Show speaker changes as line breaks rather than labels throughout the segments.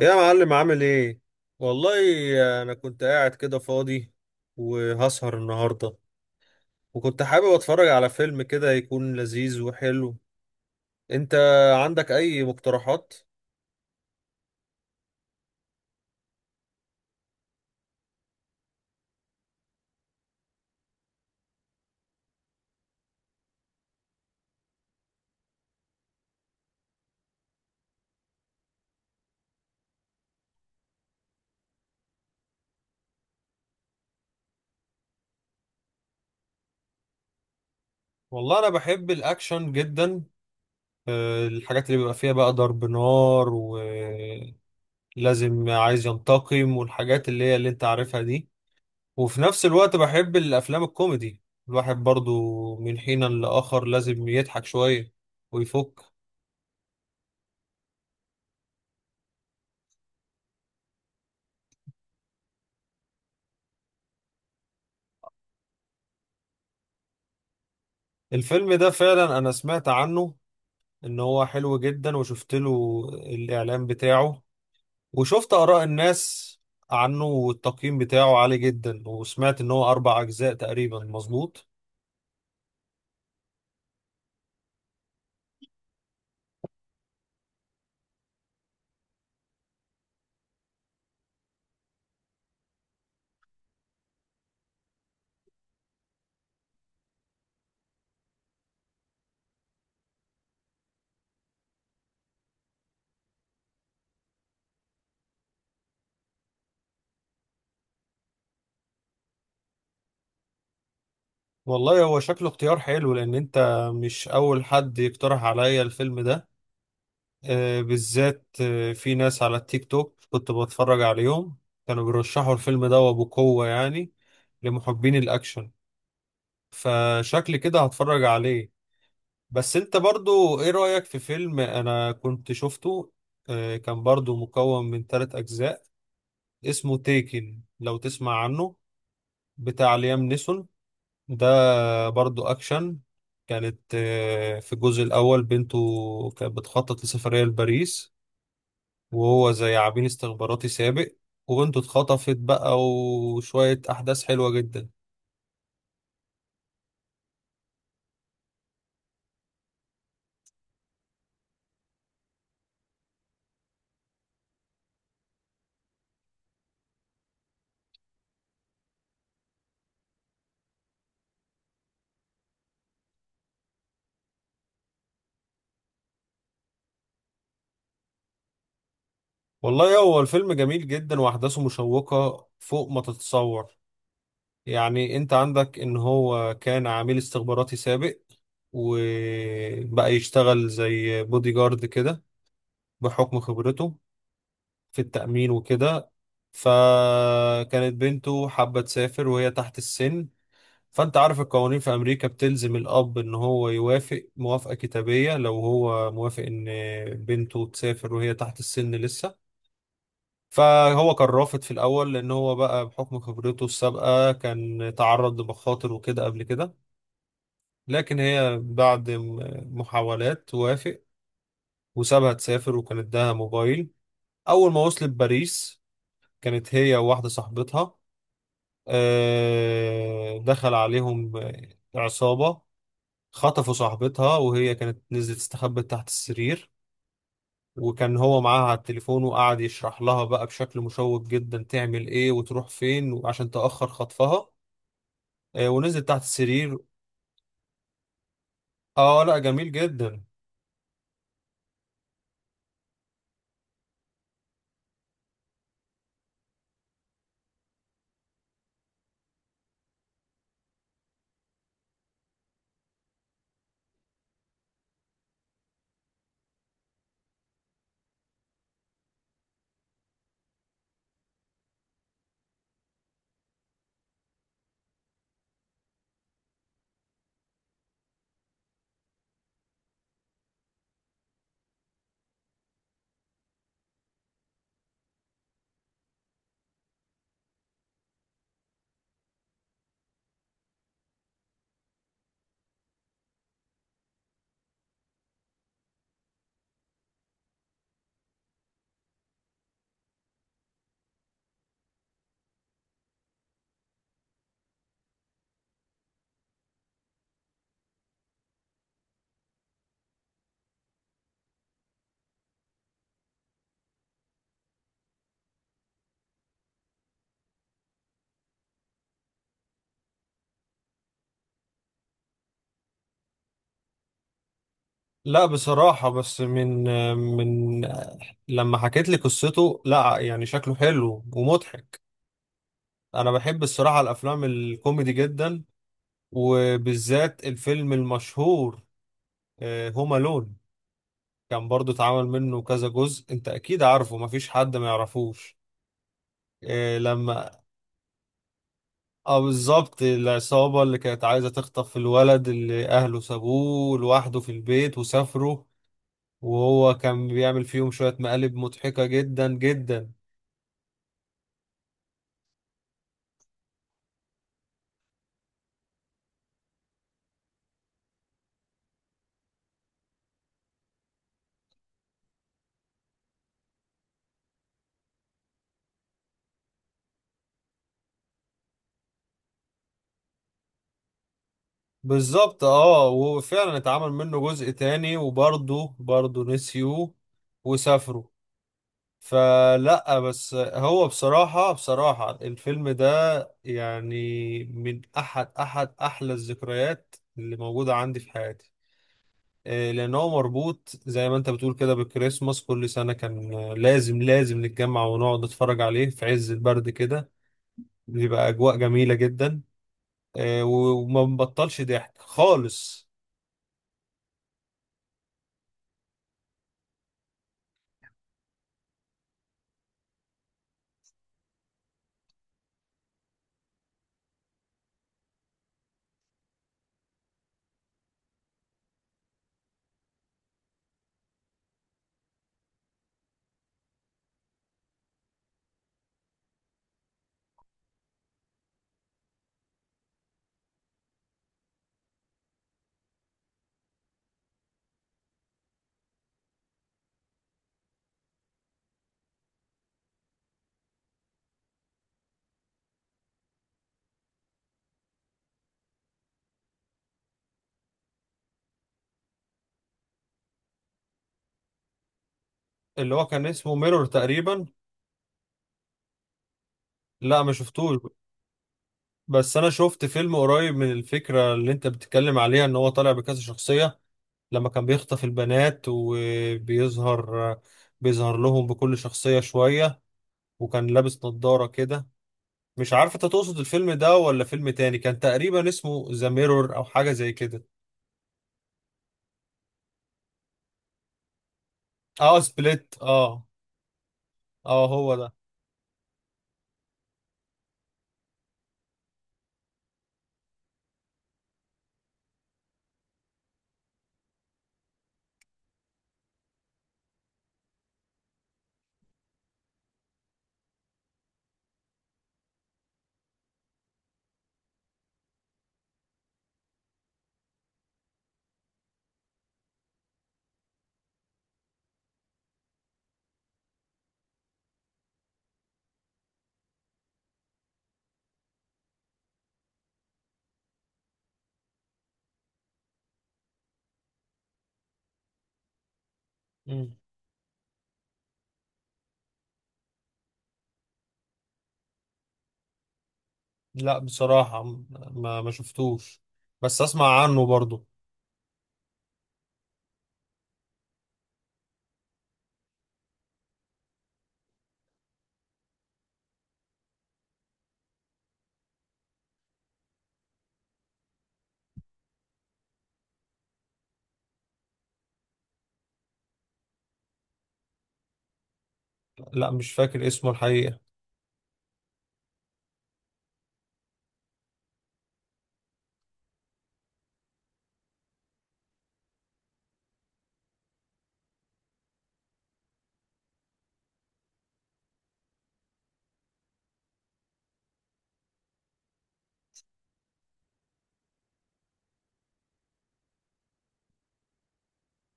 يا معلم عامل ايه؟ والله، انا كنت قاعد كده فاضي وهسهر النهارده، وكنت حابب اتفرج على فيلم كده يكون لذيذ وحلو. انت عندك اي مقترحات؟ والله انا بحب الاكشن جدا. الحاجات اللي بيبقى فيها بقى ضرب نار، ولازم عايز ينتقم، والحاجات اللي هي اللي انت عارفها دي. وفي نفس الوقت بحب الافلام الكوميدي، الواحد برضو من حين لآخر لازم يضحك شوية ويفك. الفيلم ده فعلا انا سمعت عنه ان هو حلو جدا، وشفت له الاعلان بتاعه، وشفت اراء الناس عنه والتقييم بتاعه عالي جدا، وسمعت ان هو 4 اجزاء تقريبا، مظبوط؟ والله هو شكله اختيار حلو، لان انت مش اول حد يقترح عليا الفيلم ده. بالذات في ناس على التيك توك كنت بتفرج عليهم، كانوا بيرشحوا الفيلم ده وبقوة يعني لمحبين الاكشن، فشكل كده هتفرج عليه. بس انت برضو ايه رأيك في فيلم انا كنت شفته؟ كان برضو مكون من 3 اجزاء، اسمه تيكن لو تسمع عنه، بتاع ليام نيسون ده، برضو اكشن. كانت في الجزء الاول بنته كانت بتخطط لسفرية لباريس، وهو زي عميل استخباراتي سابق، وبنته اتخطفت بقى، وشوية احداث حلوة جدا. والله هو الفيلم جميل جدا، واحداثه مشوقة فوق ما تتصور. يعني انت عندك ان هو كان عميل استخباراتي سابق، وبقى يشتغل زي بودي جارد كده بحكم خبرته في التأمين وكده. فكانت بنته حابة تسافر وهي تحت السن، فانت عارف القوانين في امريكا بتلزم الاب ان هو يوافق موافقة كتابية لو هو موافق ان بنته تسافر وهي تحت السن لسه. فهو كان رافض في الاول لان هو بقى بحكم خبرته السابقة كان تعرض لمخاطر وكده قبل كده. لكن هي بعد محاولات وافق، وسابها تسافر، وكان اداها موبايل. أول ما وصلت باريس، كانت هي وواحدة صاحبتها، دخل عليهم عصابة، خطفوا صاحبتها، وهي كانت نزلت استخبت تحت السرير، وكان هو معاها على التليفون، وقعد يشرح لها بقى بشكل مشوق جدا تعمل ايه وتروح فين وعشان تأخر خطفها، ونزلت تحت السرير. اه، لا جميل جدا. لا بصراحة، بس من لما حكيت لي قصته، لا يعني شكله حلو ومضحك. أنا بحب الصراحة الأفلام الكوميدي جدا، وبالذات الفيلم المشهور هوم ألون، كان برضو اتعمل منه كذا جزء، أنت أكيد عارفه، مفيش حد ما يعرفوش. آه، لما اه، بالظبط، العصابة اللي كانت عايزة تخطف الولد اللي أهله سابوه لوحده في البيت وسافروا، وهو كان بيعمل فيهم شوية مقالب مضحكة جدا جدا. بالظبط، اه، وفعلا اتعمل منه جزء تاني، وبرضه نسيوه وسافروا. فلا بس هو بصراحة الفيلم ده يعني من أحد أحلى الذكريات اللي موجودة عندي في حياتي. لأن هو مربوط زي ما أنت بتقول كده بالكريسماس، كل سنة كان لازم نتجمع ونقعد نتفرج عليه في عز البرد كده، بيبقى أجواء جميلة جدا، وما بنبطلش ضحك خالص. اللي هو كان اسمه ميرور تقريبا. لا، ما شفتوش، بس انا شفت فيلم قريب من الفكره اللي انت بتتكلم عليها، ان هو طالع بكذا شخصيه، لما كان بيخطف البنات وبيظهر لهم بكل شخصيه شويه، وكان لابس نظاره كده. مش عارف انت تقصد الفيلم ده ولا فيلم تاني كان تقريبا اسمه ذا ميرور او حاجه زي كده. اه، سبليت، اه. اه، هو ده. مم. لا، بصراحه، ما شفتوش، بس اسمع عنه برضو. لا، مش فاكر اسمه الحقيقه.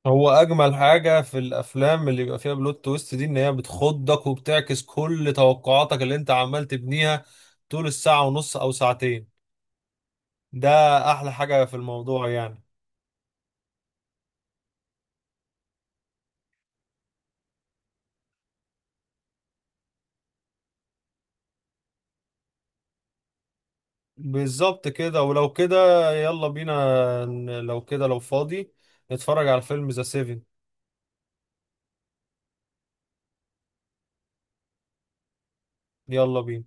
هو اجمل حاجه في الافلام اللي بيبقى فيها بلوت تويست دي، ان هي بتخضك، وبتعكس كل توقعاتك اللي انت عمال تبنيها طول الساعه ونص او ساعتين. ده احلى حاجه في الموضوع يعني. بالظبط كده، ولو كده، يلا بينا، لو كده، لو فاضي، نتفرج على فيلم ذا سيفن. يلا بينا.